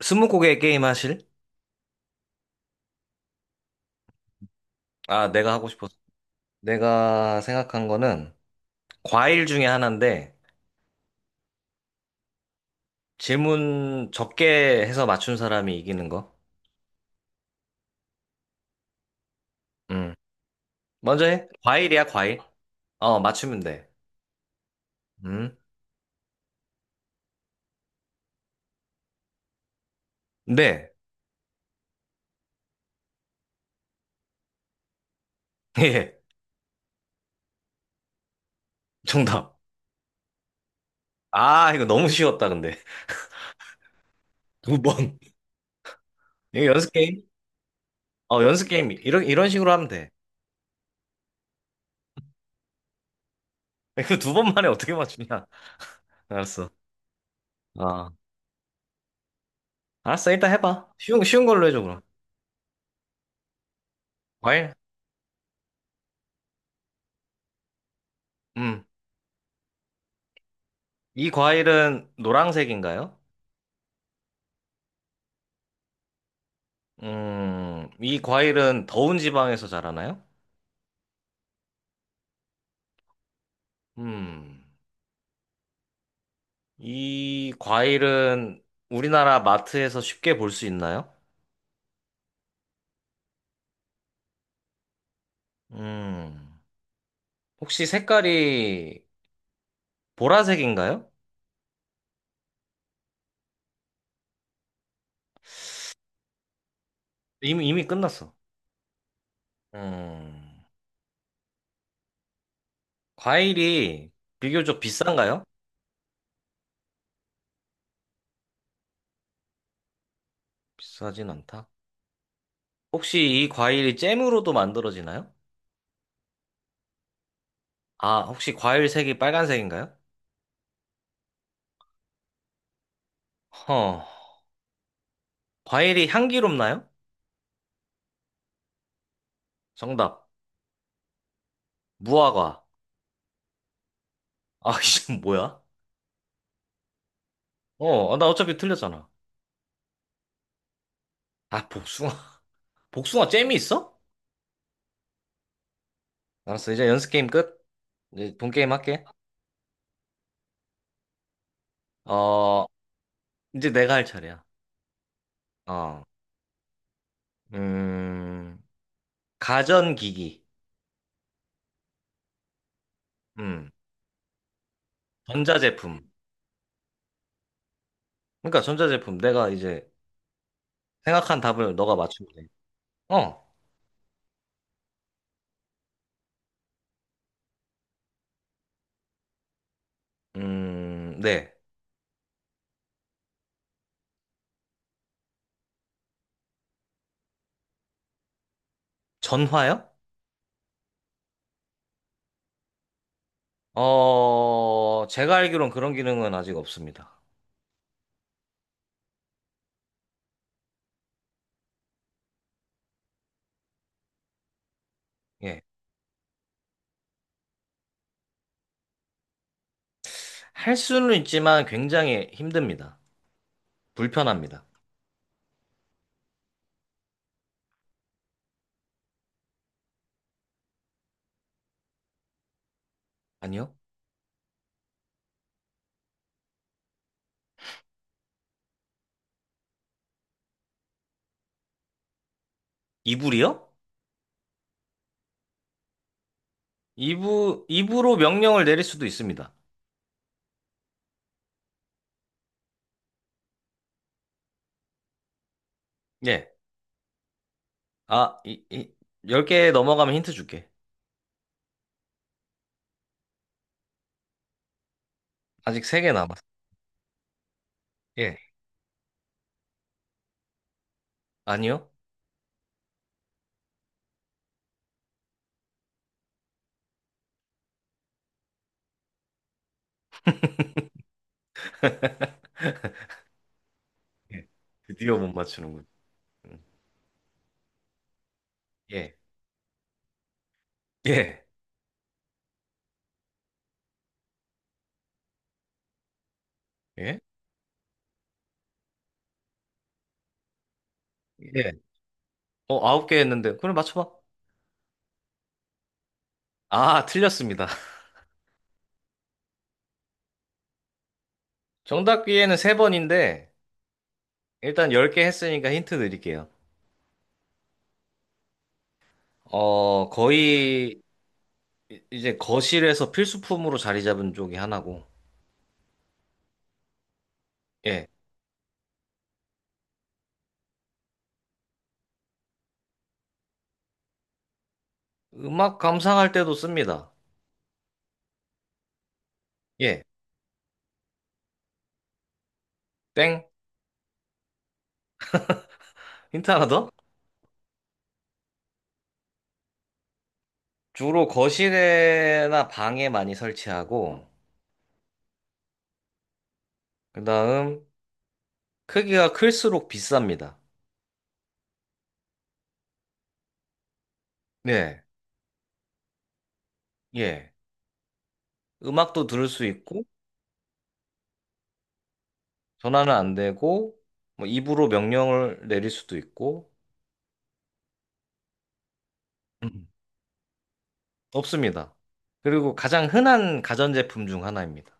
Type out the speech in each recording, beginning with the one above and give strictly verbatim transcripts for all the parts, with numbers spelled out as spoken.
스무고개 게임 하실? 아, 내가 하고 싶어서. 내가 생각한 거는 과일 중에 하나인데 질문 적게 해서 맞춘 사람이 이기는 거. 음. 먼저 해. 과일이야, 과일. 어, 맞추면 돼. 음. 네. 예. 정답. 아, 이거 너무 쉬웠다, 근데. 두 번. 이거 연습 게임? 어, 연습 게임. 이런, 이런 식으로 하면 돼. 이거 두 번 만에 어떻게 맞추냐. 알았어. 아. 알았어, 일단 해봐. 쉬운, 쉬운 걸로 해줘, 그럼. 과일? 음. 이 과일은 노란색인가요? 음, 이 과일은 더운 지방에서 자라나요? 음, 이 과일은 우리나라 마트에서 쉽게 볼 수 있나요? 음, 혹시 색깔이 보라색인가요? 이미, 이미 끝났어. 음, 과일이 비교적 비싼가요? 비싸진 않다. 혹시 이 과일이 잼으로도 만들어지나요? 아, 혹시 과일 색이 빨간색인가요? 허, 과일이 향기롭나요? 정답, 무화과. 아, 이건 뭐야? 어, 아, 나 어차피 틀렸잖아. 아, 복숭아. 복숭아 잼이 있어? 알았어, 이제 연습 게임 끝. 이제 본 게임 할게. 어, 이제 내가 할 차례야. 어, 음, 가전기기. 음, 전자제품. 그러니까 전자제품. 내가 이제 생각한 답을 너가 맞추면 돼. 어, 음, 네. 전화요? 어, 제가 알기론 그런 기능은 아직 없습니다. 예. 할 수는 있지만 굉장히 힘듭니다. 불편합니다. 아니요? 이불이요? 이 부, 이 부로 명령을 내릴 수도 있습니다. 예. 아, 이, 이, 열 개 넘어가면 힌트 줄게. 아직 세 개 남았어. 예. 아니요? 예. 드디어 못 맞추는군. 음. 예. 예. 예? 예. 어, 아홉 개 했는데. 그럼 맞춰봐. 아, 틀렸습니다. 정답 기회는 세 번인데, 일단 열 개 했으니까 힌트 드릴게요. 어, 거의, 이- 이제 거실에서 필수품으로 자리 잡은 쪽이 하나고, 예. 음악 감상할 때도 씁니다. 예. 땡. 힌트 하나 더? 주로 거실에나 방에 많이 설치하고, 그 다음, 크기가 클수록 비쌉니다. 네, 예. 음악도 들을 수 있고, 전화는 안 되고, 뭐 입으로 명령을 내릴 수도 있고, 음, 없습니다. 그리고 가장 흔한 가전제품 중 하나입니다.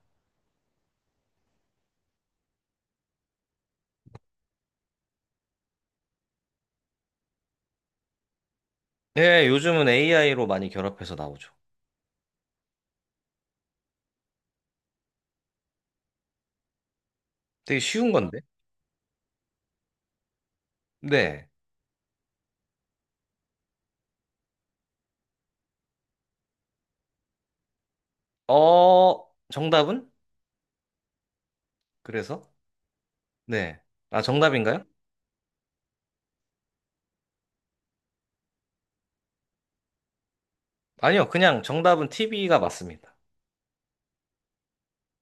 네, 요즘은 에이아이로 많이 결합해서 나오죠. 되게 쉬운 건데? 네. 어, 정답은? 그래서? 네. 아, 정답인가요? 아니요, 그냥 정답은 티비가 맞습니다.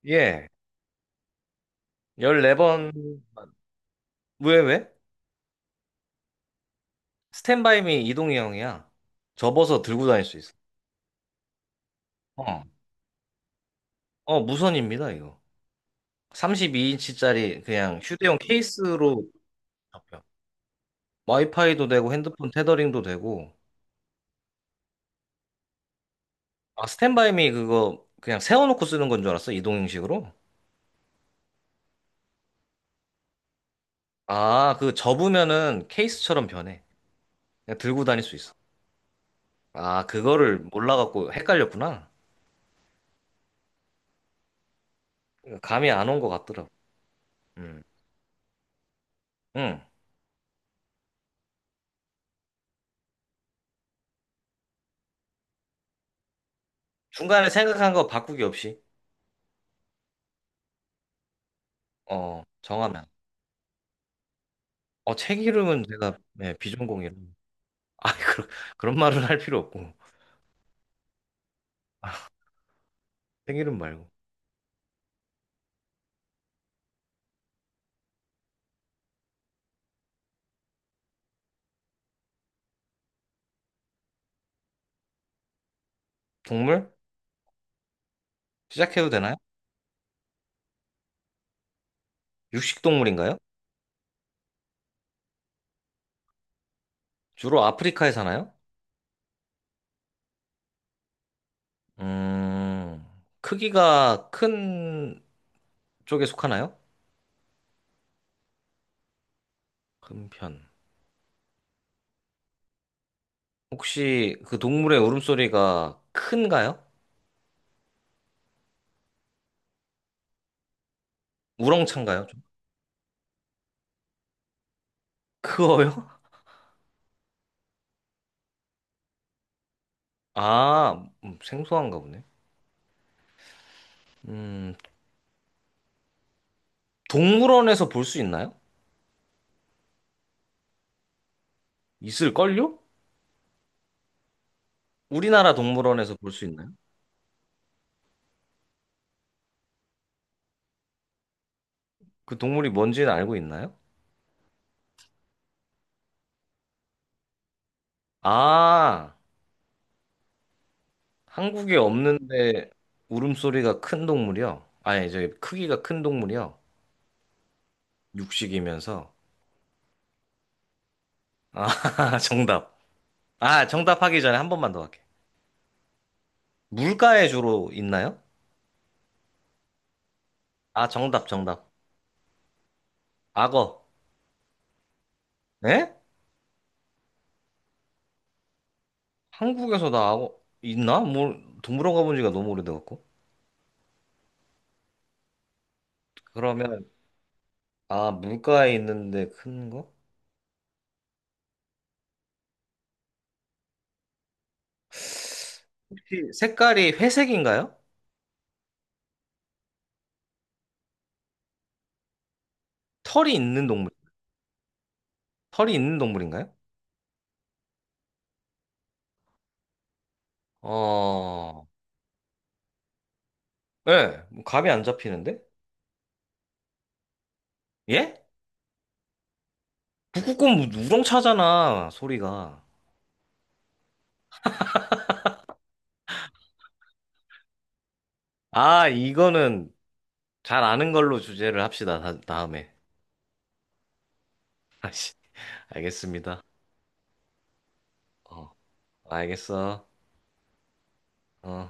예. 십사 번. 왜, 왜? 스탠바이미 이동희 형이야. 접어서 들고 다닐 수 있어. 어. 어, 무선입니다, 이거. 삼십이 인치짜리 그냥 휴대용 케이스로 잡혀. 와이파이도 되고 핸드폰 테더링도 되고. 아, 스탠바이미 그거 그냥 세워놓고 쓰는 건 줄 알았어, 이동형식으로? 아, 그 접으면은 케이스처럼 변해. 그냥 들고 다닐 수 있어. 아, 그거를 몰라갖고 헷갈렸구나. 감이 안 온 것 같더라고. 음. 응. 중간에 생각한 거 바꾸기 없이. 어, 정하면. 어, 책 이름은 제가 네, 비전공이라. 아, 그런 그런 말은 할 필요 없고. 책 이름 말고. 동물? 시작해도 되나요? 육식 동물인가요? 주로 아프리카에 사나요? 음, 크기가 큰 쪽에 속하나요? 큰 편. 혹시 그 동물의 울음소리가 큰가요? 우렁찬가요? 좀 크어요? 아, 음, 생소한가 보네. 음, 동물원에서 볼 수 있나요? 있을걸요? 우리나라 동물원에서 볼 수 있나요? 그 동물이 뭔지는 알고 있나요? 아, 한국에 없는데 울음소리가 큰 동물이요? 아니, 저 크기가 큰 동물이요? 육식이면서. 아, 정답. 아, 정답 하기 전에 한 번만 더 할게. 물가에 주로 있나요? 아, 정답, 정답. 악어. 에? 한국에서 나 악어 있나? 뭐, 동물원 가본 지가 너무 오래돼갖고. 그러면, 아, 물가에 있는데 큰 거? 혹시 색깔이 회색인가요? 털이 있는 동물, 털이 있는 동물인가요? 어, 예, 뭐 감이 안 잡히는데? 예? 북극곰 우렁차잖아, 소리가. 아, 이거는 잘 아는 걸로 주제를 합시다, 다, 다음에. 아씨, 알겠습니다. 어, 알겠어. 어.